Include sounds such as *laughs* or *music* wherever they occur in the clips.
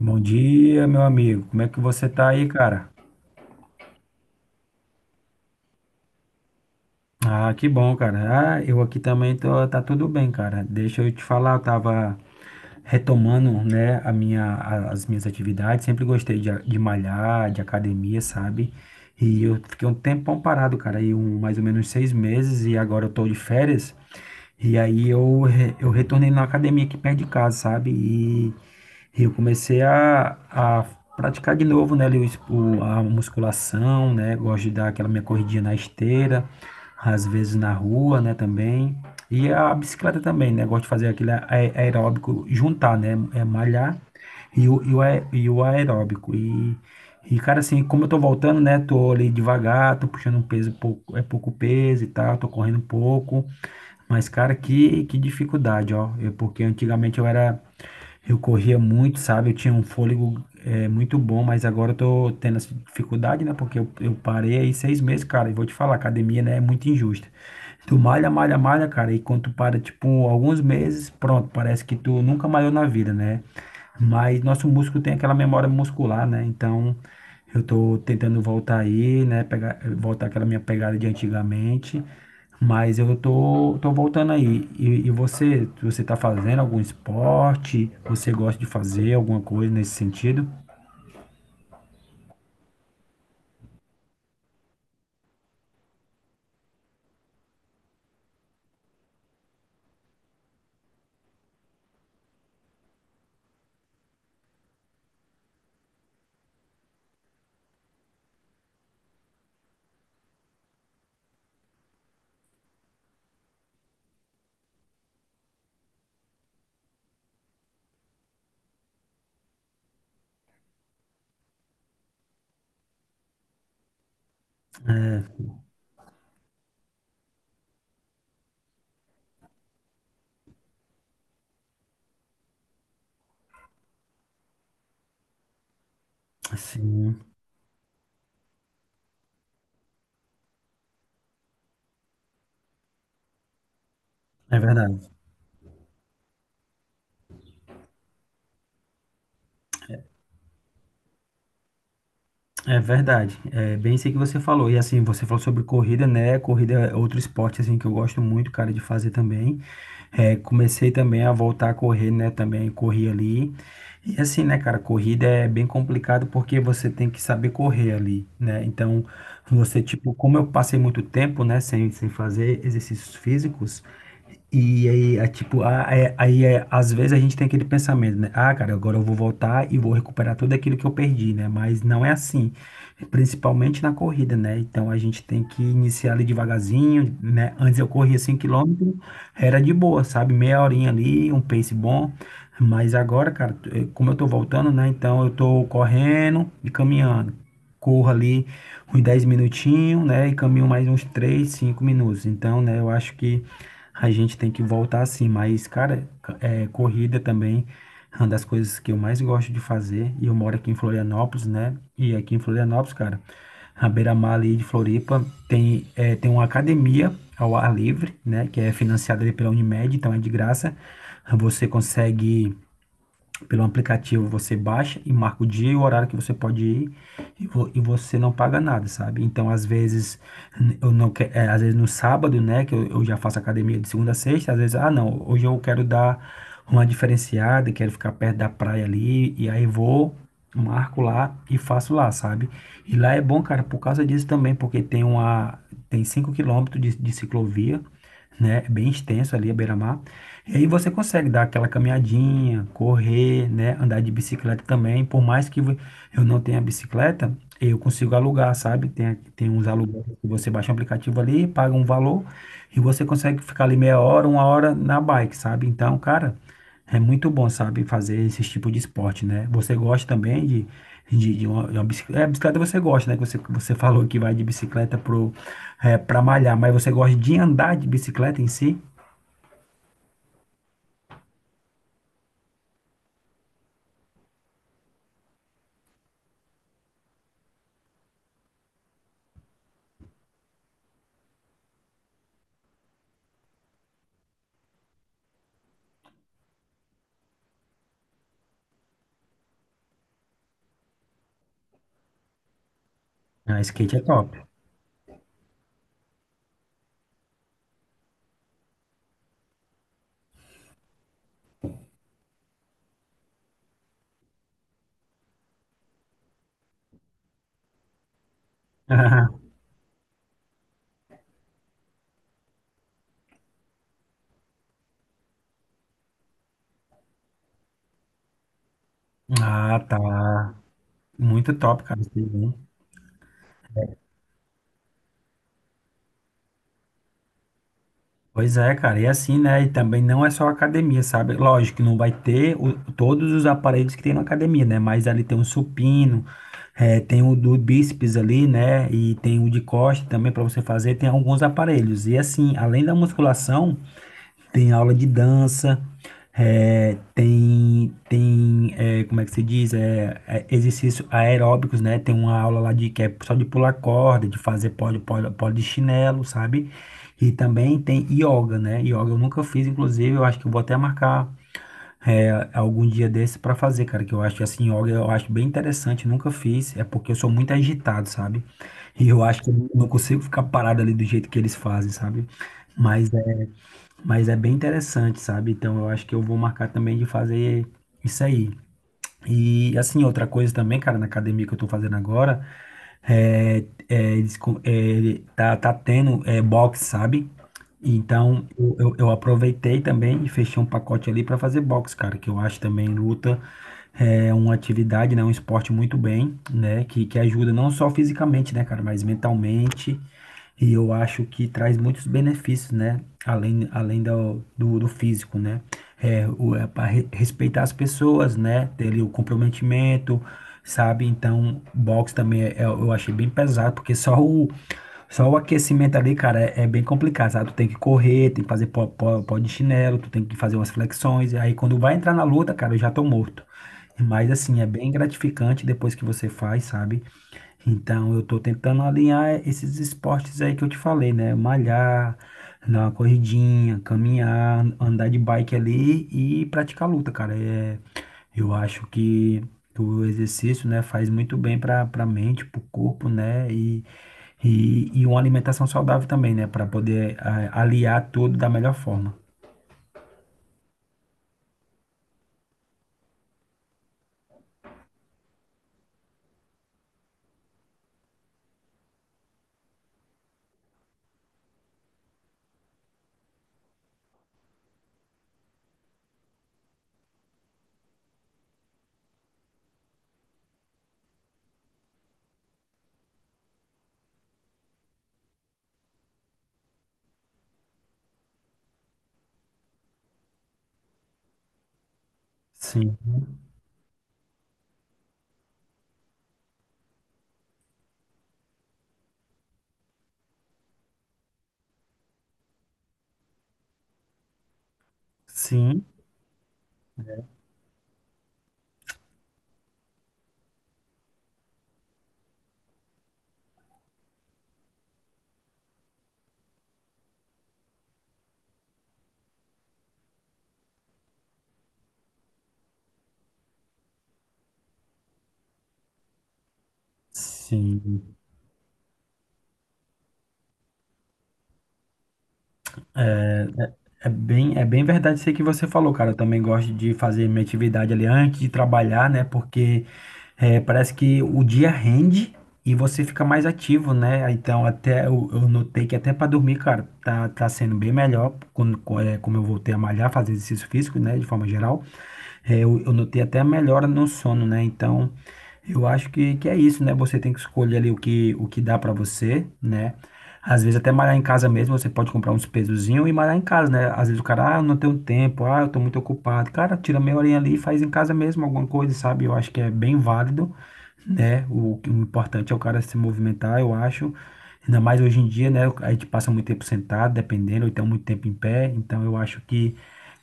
Bom dia, meu amigo. Como é que você tá aí, cara? Ah, que bom, cara. Ah, eu aqui também tô, tá tudo bem, cara. Deixa eu te falar, eu tava retomando, né, as minhas atividades. Sempre gostei de malhar, de academia, sabe? E eu fiquei um tempão parado, cara, aí mais ou menos 6 meses e agora eu tô de férias. E aí eu retornei na academia aqui perto de casa, sabe? E eu comecei a praticar de novo, né, ali a musculação, né? Gosto de dar aquela minha corridinha na esteira, às vezes na rua, né, também. E a bicicleta também, né? Gosto de fazer aquele a aeróbico, juntar, né? É malhar e o aeróbico. E, cara, assim, como eu tô voltando, né? Tô ali devagar, tô puxando um peso pouco, é pouco peso e tal, tô correndo um pouco. Mas, cara, que dificuldade, ó. Eu, porque antigamente eu era, eu corria muito, sabe? Eu tinha um fôlego, muito bom, mas agora eu tô tendo essa dificuldade, né? Porque eu parei aí 6 meses, cara. E vou te falar, academia, né, é muito injusta. Tu malha, malha, malha, cara. E quando tu para, tipo, alguns meses, pronto, parece que tu nunca malhou na vida, né? Mas nosso músculo tem aquela memória muscular, né? Então eu tô tentando voltar aí, né? Pegar, voltar aquela minha pegada de antigamente. Mas eu tô voltando aí. E você tá fazendo algum esporte? Você gosta de fazer alguma coisa nesse sentido? Sim, é verdade. É verdade. É bem isso aí que você falou. E assim, você falou sobre corrida, né? Corrida é outro esporte assim que eu gosto muito, cara, de fazer também. É, comecei também a voltar a correr, né? Também corri ali. E assim, né, cara, corrida é bem complicado porque você tem que saber correr ali, né? Então, você, tipo, como eu passei muito tempo, né, sem fazer exercícios físicos, e aí, tipo, às vezes a gente tem aquele pensamento, né? Ah, cara, agora eu vou voltar e vou recuperar tudo aquilo que eu perdi, né? Mas não é assim, principalmente na corrida, né? Então a gente tem que iniciar ali devagarzinho, né? Antes eu corria 5 km, era de boa, sabe? Meia horinha ali, um pace bom. Mas agora, cara, como eu tô voltando, né? Então eu tô correndo e caminhando. Corro ali uns 10 minutinhos, né? E caminho mais uns 3 5 minutos. Então, né, eu acho que a gente tem que voltar assim. Mas, cara, corrida também é uma das coisas que eu mais gosto de fazer. E eu moro aqui em Florianópolis, né? E aqui em Florianópolis, cara, a beira-mar ali de Floripa tem uma academia ao ar livre, né? Que é financiada ali pela Unimed, então é de graça. Você consegue pelo aplicativo você baixa e marca o dia e o horário que você pode ir e você não paga nada, sabe? Então, às vezes, eu não que- é, às vezes no sábado, né, que eu já faço academia de segunda a sexta, às vezes, ah, não, hoje eu quero dar uma diferenciada, quero ficar perto da praia ali, e aí vou, marco lá e faço lá, sabe? E lá é bom, cara, por causa disso também, porque tem 5 quilômetros de ciclovia, né? É bem extenso ali a beira-mar. E aí você consegue dar aquela caminhadinha, correr, né? Andar de bicicleta também. Por mais que eu não tenha bicicleta, eu consigo alugar, sabe? Tem uns aluguéis que você baixa um aplicativo ali, paga um valor e você consegue ficar ali meia hora, uma hora na bike, sabe? Então, cara, é muito bom, sabe? Fazer esse tipo de esporte, né? Você gosta também de uma bicicleta. É, bicicleta você gosta, né? Que você falou que vai de bicicleta pra malhar, mas você gosta de andar de bicicleta em si? Ah, skate é top. *laughs* Ah, tá. Muito top, cara. Isso aí, hein? Pois é, cara. E assim, né? E também não é só academia, sabe? Lógico que não vai ter todos os aparelhos que tem na academia, né? Mas ali tem o supino, tem o do bíceps ali, né? E tem o de costa também para você fazer. Tem alguns aparelhos. E assim, além da musculação. Tem aula de dança, tem, como é que se diz? Exercício aeróbicos, né? Tem uma aula lá de que é só de pular corda, de fazer pole, pole, pole de chinelo, sabe? E também tem yoga, né? Yoga eu nunca fiz, inclusive, eu acho que eu vou até marcar algum dia desse para fazer, cara, que eu acho que assim, yoga eu acho bem interessante, nunca fiz, é porque eu sou muito agitado, sabe? E eu acho que eu não consigo ficar parado ali do jeito que eles fazem, sabe? Mas mas é bem interessante, sabe? Então eu acho que eu vou marcar também de fazer isso aí. E assim, outra coisa também, cara, na academia que eu tô fazendo agora, é, eles tá tendo boxe, sabe? Então eu aproveitei também e fechei um pacote ali pra fazer box, cara, que eu acho também luta é uma atividade, né, um esporte muito bem, né, que ajuda não só fisicamente, né, cara, mas mentalmente, e eu acho que traz muitos benefícios, né, além do físico, né, é, o, é para respeitar as pessoas, né, ter ali o comprometimento, sabe, então, boxe também eu achei bem pesado, porque só o aquecimento ali, cara, é bem complicado, sabe? Tu tem que correr, tem que fazer pó, pó, pó de chinelo, tu tem que fazer umas flexões. E aí quando vai entrar na luta, cara, eu já tô morto. Mas assim, é bem gratificante depois que você faz, sabe? Então eu tô tentando alinhar esses esportes aí que eu te falei, né? Malhar, dar uma corridinha, caminhar, andar de bike ali e praticar luta, cara. É, eu acho que o exercício, né, faz muito bem para mente, para o corpo, né? E uma alimentação saudável também, né? Para poder aliar tudo da melhor forma. Sim, sim, sim. É bem verdade isso aí que você falou, cara. Eu também gosto de fazer minha atividade ali antes de trabalhar, né? Porque parece que o dia rende e você fica mais ativo, né? Então, até eu notei que até para dormir, cara, tá sendo bem melhor como eu voltei a malhar, fazer exercício físico, né? De forma geral. Eu notei até melhora no sono, né? Então. Eu acho que é isso, né? Você tem que escolher ali o que dá pra você, né? Às vezes até malhar em casa mesmo, você pode comprar uns pesozinhos e malhar em casa, né? Às vezes o cara, ah, eu não tenho tempo, ah, eu tô muito ocupado. Cara, tira meia horinha ali e faz em casa mesmo alguma coisa, sabe? Eu acho que é bem válido, né? O importante é o cara se movimentar, eu acho. Ainda mais hoje em dia, né? A gente passa muito tempo sentado, dependendo, ou então muito tempo em pé. Então eu acho que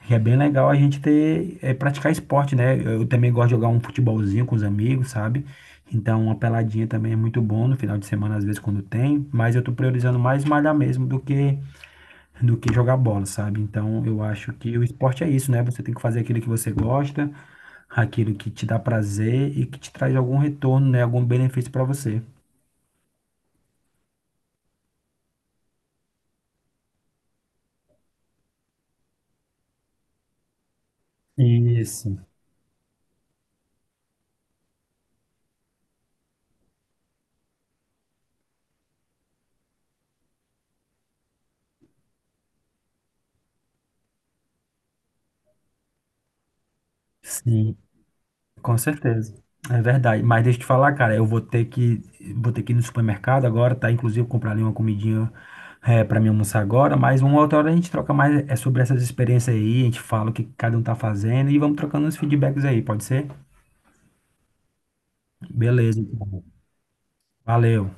é bem legal a gente praticar esporte, né? Eu também gosto de jogar um futebolzinho com os amigos, sabe? Então, uma peladinha também é muito bom no final de semana, às vezes, quando tem, mas eu tô priorizando mais malhar mesmo do que, jogar bola, sabe? Então, eu acho que o esporte é isso, né? Você tem que fazer aquilo que você gosta, aquilo que te dá prazer e que te traz algum retorno, né? Algum benefício para você. Isso, sim. Com certeza. É verdade. Mas deixa eu te falar, cara, eu vou ter que ir no supermercado agora, tá? Inclusive comprar ali uma comidinha para mim almoçar agora, mas uma outra hora a gente troca mais é sobre essas experiências aí, a gente fala o que cada um tá fazendo e vamos trocando uns feedbacks aí, pode ser? Beleza, então. Valeu.